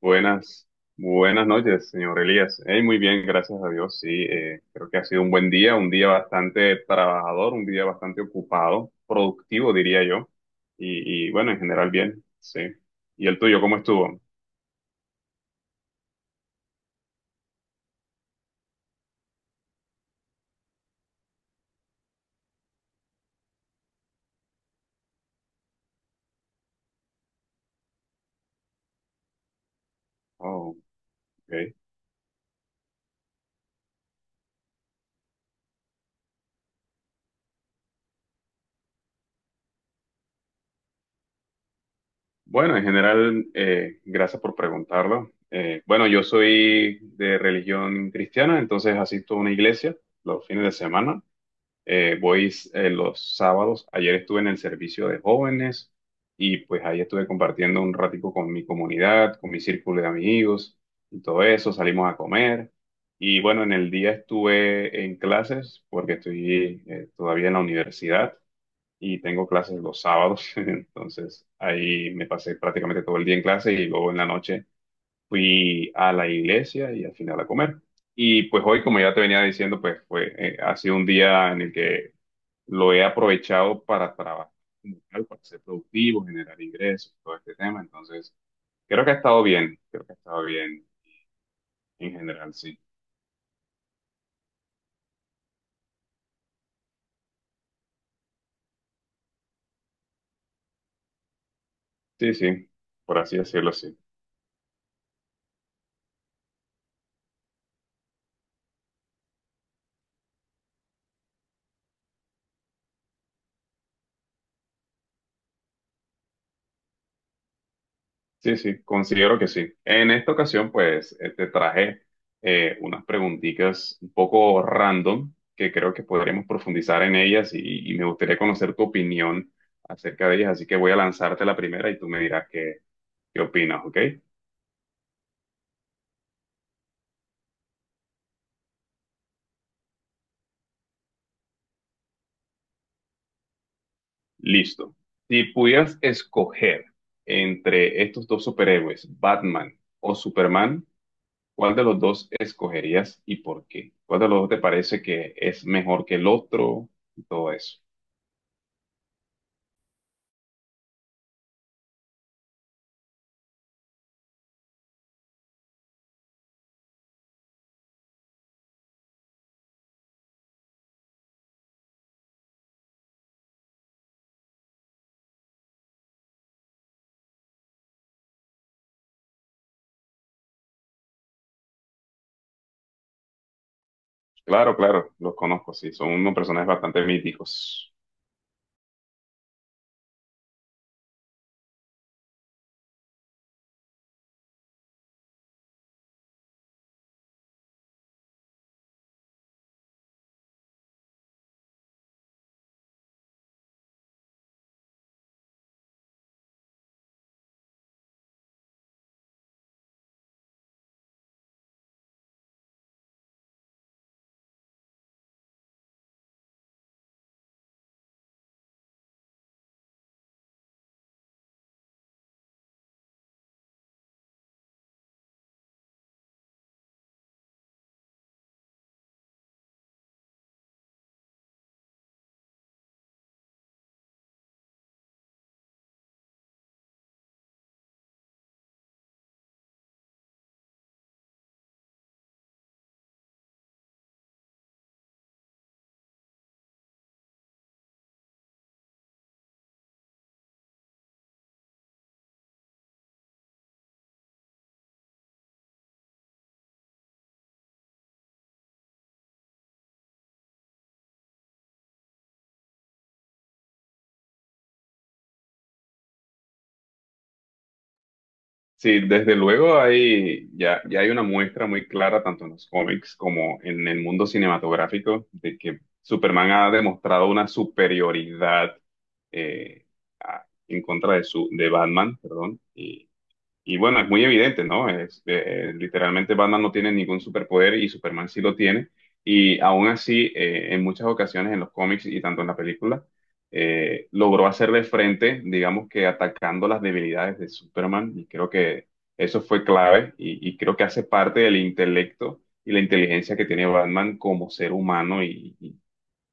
Buenas, buenas noches, señor Elías. Hey, muy bien, gracias a Dios. Sí, creo que ha sido un buen día, un día bastante trabajador, un día bastante ocupado, productivo, diría yo. Y, bueno, en general bien, sí. ¿Y el tuyo, cómo estuvo? Oh, ok. Bueno, en general, gracias por preguntarlo. Bueno, yo soy de religión cristiana, entonces asisto a una iglesia los fines de semana. Voy los sábados. Ayer estuve en el servicio de jóvenes y pues ahí estuve compartiendo un ratico con mi comunidad, con mi círculo de amigos y todo eso. Salimos a comer y bueno, en el día estuve en clases porque estoy todavía en la universidad y tengo clases los sábados. Entonces ahí me pasé prácticamente todo el día en clase y luego en la noche fui a la iglesia y al final a comer. Y pues hoy, como ya te venía diciendo, ha sido un día en el que lo he aprovechado para trabajar, como tal, para ser productivo, generar ingresos, todo este tema. Entonces, creo que ha estado bien, creo que ha estado bien en general, sí. Sí, sí, por así decirlo, sí. Sí, sí, considero que sí. En esta ocasión, pues, te traje unas preguntitas un poco random que creo que podremos profundizar en ellas y me gustaría conocer tu opinión acerca de ellas. Así que voy a lanzarte la primera y tú me dirás qué opinas, ¿ok? Listo. Si pudieras escoger entre estos dos superhéroes, Batman o Superman, ¿cuál de los dos escogerías y por qué? ¿Cuál de los dos te parece que es mejor que el otro y todo eso? Claro, claro, los conozco, sí, son unos personajes bastante míticos. Sí, desde luego ya hay una muestra muy clara, tanto en los cómics como en el mundo cinematográfico, de que Superman ha demostrado una superioridad eh, en contra de Batman, perdón, y bueno, es muy evidente, ¿no? Literalmente Batman no tiene ningún superpoder y Superman sí lo tiene. Y aún así, en muchas ocasiones en los cómics y tanto en la película, logró hacerle frente, digamos que atacando las debilidades de Superman. Y creo que eso fue clave y creo que hace parte del intelecto y la inteligencia que tiene Batman como ser humano y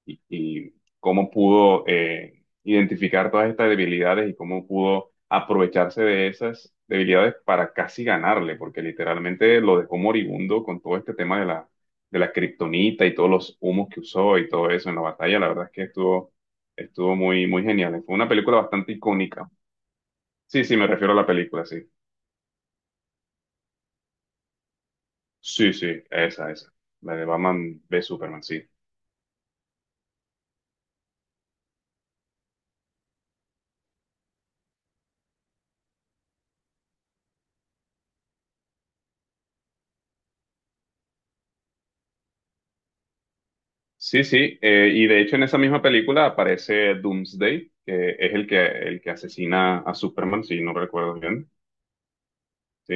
y, y cómo pudo identificar todas estas debilidades y cómo pudo aprovecharse de esas debilidades para casi ganarle, porque literalmente lo dejó moribundo con todo este tema de la, kriptonita y todos los humos que usó y todo eso en la batalla. La verdad es que estuvo muy, muy genial. Fue una película bastante icónica. Sí, sí, me refiero a la película, sí. Sí, sí, esa, esa. La de Batman v Superman, sí. Sí, sí, y de hecho en esa misma película aparece Doomsday, que es el que asesina a Superman, si no recuerdo bien, ¿sí?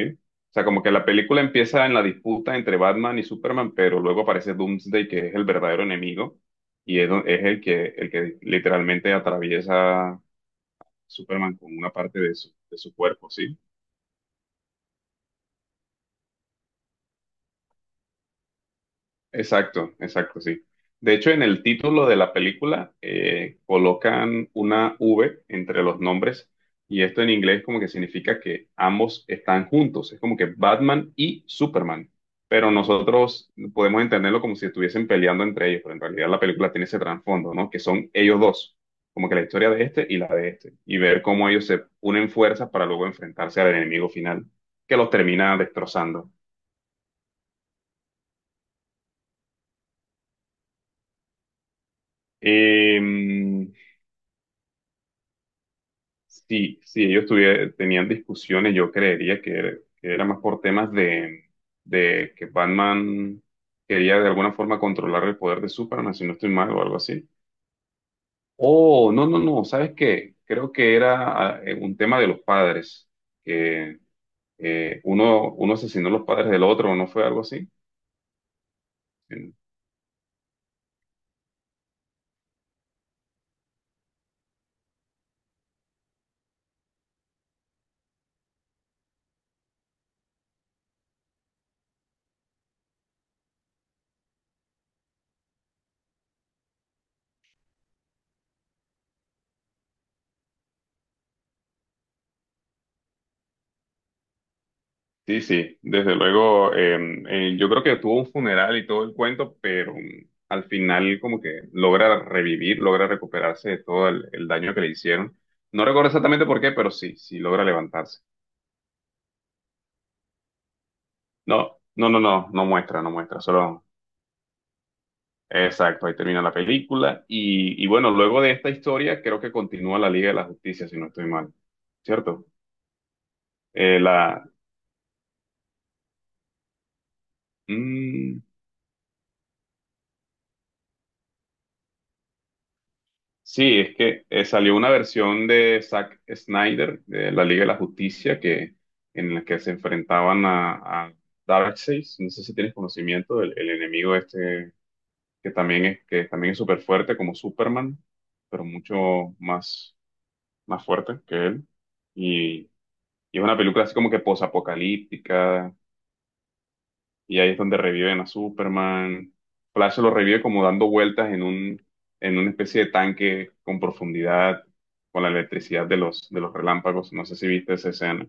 O sea, como que la película empieza en la disputa entre Batman y Superman, pero luego aparece Doomsday, que es el verdadero enemigo, y es el que literalmente atraviesa a Superman con una parte de su cuerpo, ¿sí? Exacto, exacto, sí. De hecho, en el título de la película colocan una V entre los nombres y esto en inglés como que significa que ambos están juntos. Es como que Batman y Superman, pero nosotros podemos entenderlo como si estuviesen peleando entre ellos, pero en realidad la película tiene ese trasfondo, ¿no? Que son ellos dos, como que la historia de este y la de este, y ver cómo ellos se unen fuerzas para luego enfrentarse al enemigo final que los termina destrozando. Em, si ellos tenían discusiones, yo creería que era, más por temas de que Batman quería de alguna forma controlar el poder de Superman, si no estoy mal, o algo así. Oh, no, no, no, ¿sabes qué? Creo que era un tema de los padres, que uno asesinó a los padres del otro, ¿no fue algo así? Sí, sí, desde luego, yo creo que tuvo un funeral y todo el cuento, pero al final como que logra revivir, logra recuperarse de todo el daño que le hicieron. No recuerdo exactamente por qué, pero sí, sí logra levantarse. No, no, no, no, no muestra, no muestra, solo, exacto, ahí termina la película. Y bueno, luego de esta historia creo que continúa la Liga de la Justicia, si no estoy mal, ¿cierto? Eh, la, mm, Sí, es que salió una versión de Zack Snyder, de la Liga de la Justicia, que, en la que se enfrentaban a, Darkseid. No sé si tienes conocimiento del el enemigo este, que también es súper fuerte como Superman, pero mucho más fuerte que él. Y, y, es una película así como que posapocalíptica, y ahí es donde reviven a Superman. Flash lo revive como dando vueltas en una especie de tanque con profundidad, con la electricidad de los relámpagos. No sé si viste esa escena.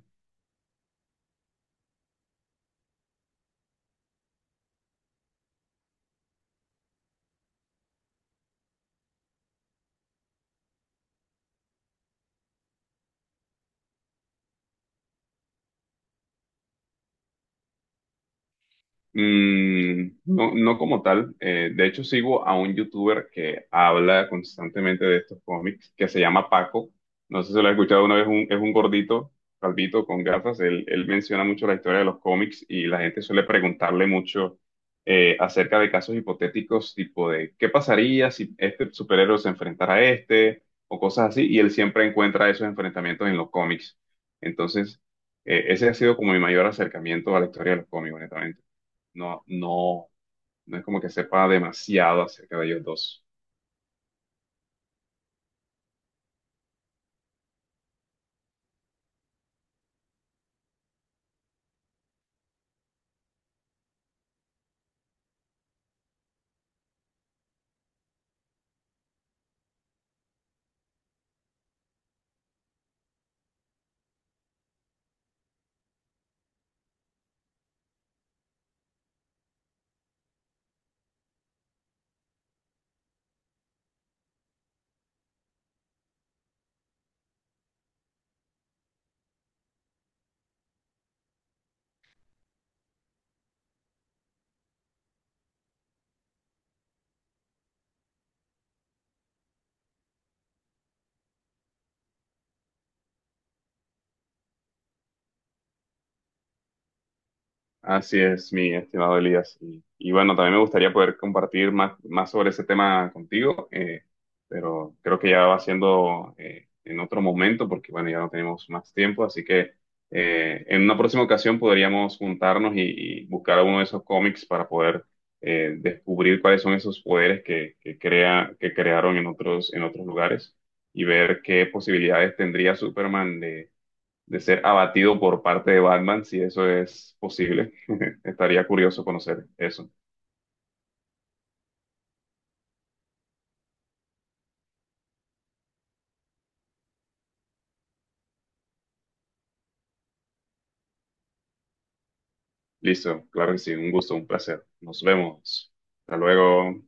Mm, no, no como tal. De hecho, sigo a un youtuber que habla constantemente de estos cómics, que se llama Paco. No sé si lo has escuchado una vez, es un gordito, calvito, con gafas. Él menciona mucho la historia de los cómics y la gente suele preguntarle mucho acerca de casos hipotéticos, tipo de qué pasaría si este superhéroe se enfrentara a este o cosas así. Y él siempre encuentra esos enfrentamientos en los cómics. Entonces, ese ha sido como mi mayor acercamiento a la historia de los cómics, honestamente. No, no, no es como que sepa demasiado acerca de ellos dos. Así es, mi estimado Elías. Y, bueno, también me gustaría poder compartir más, sobre ese tema contigo, pero creo que ya va siendo en otro momento, porque bueno, ya no tenemos más tiempo, así que en una próxima ocasión podríamos juntarnos y buscar uno de esos cómics para poder descubrir cuáles son esos poderes que crearon en otros lugares y ver qué posibilidades tendría Superman de ser abatido por parte de Batman, si eso es posible. Estaría curioso conocer eso. Listo, claro que sí, un gusto, un placer. Nos vemos. Hasta luego.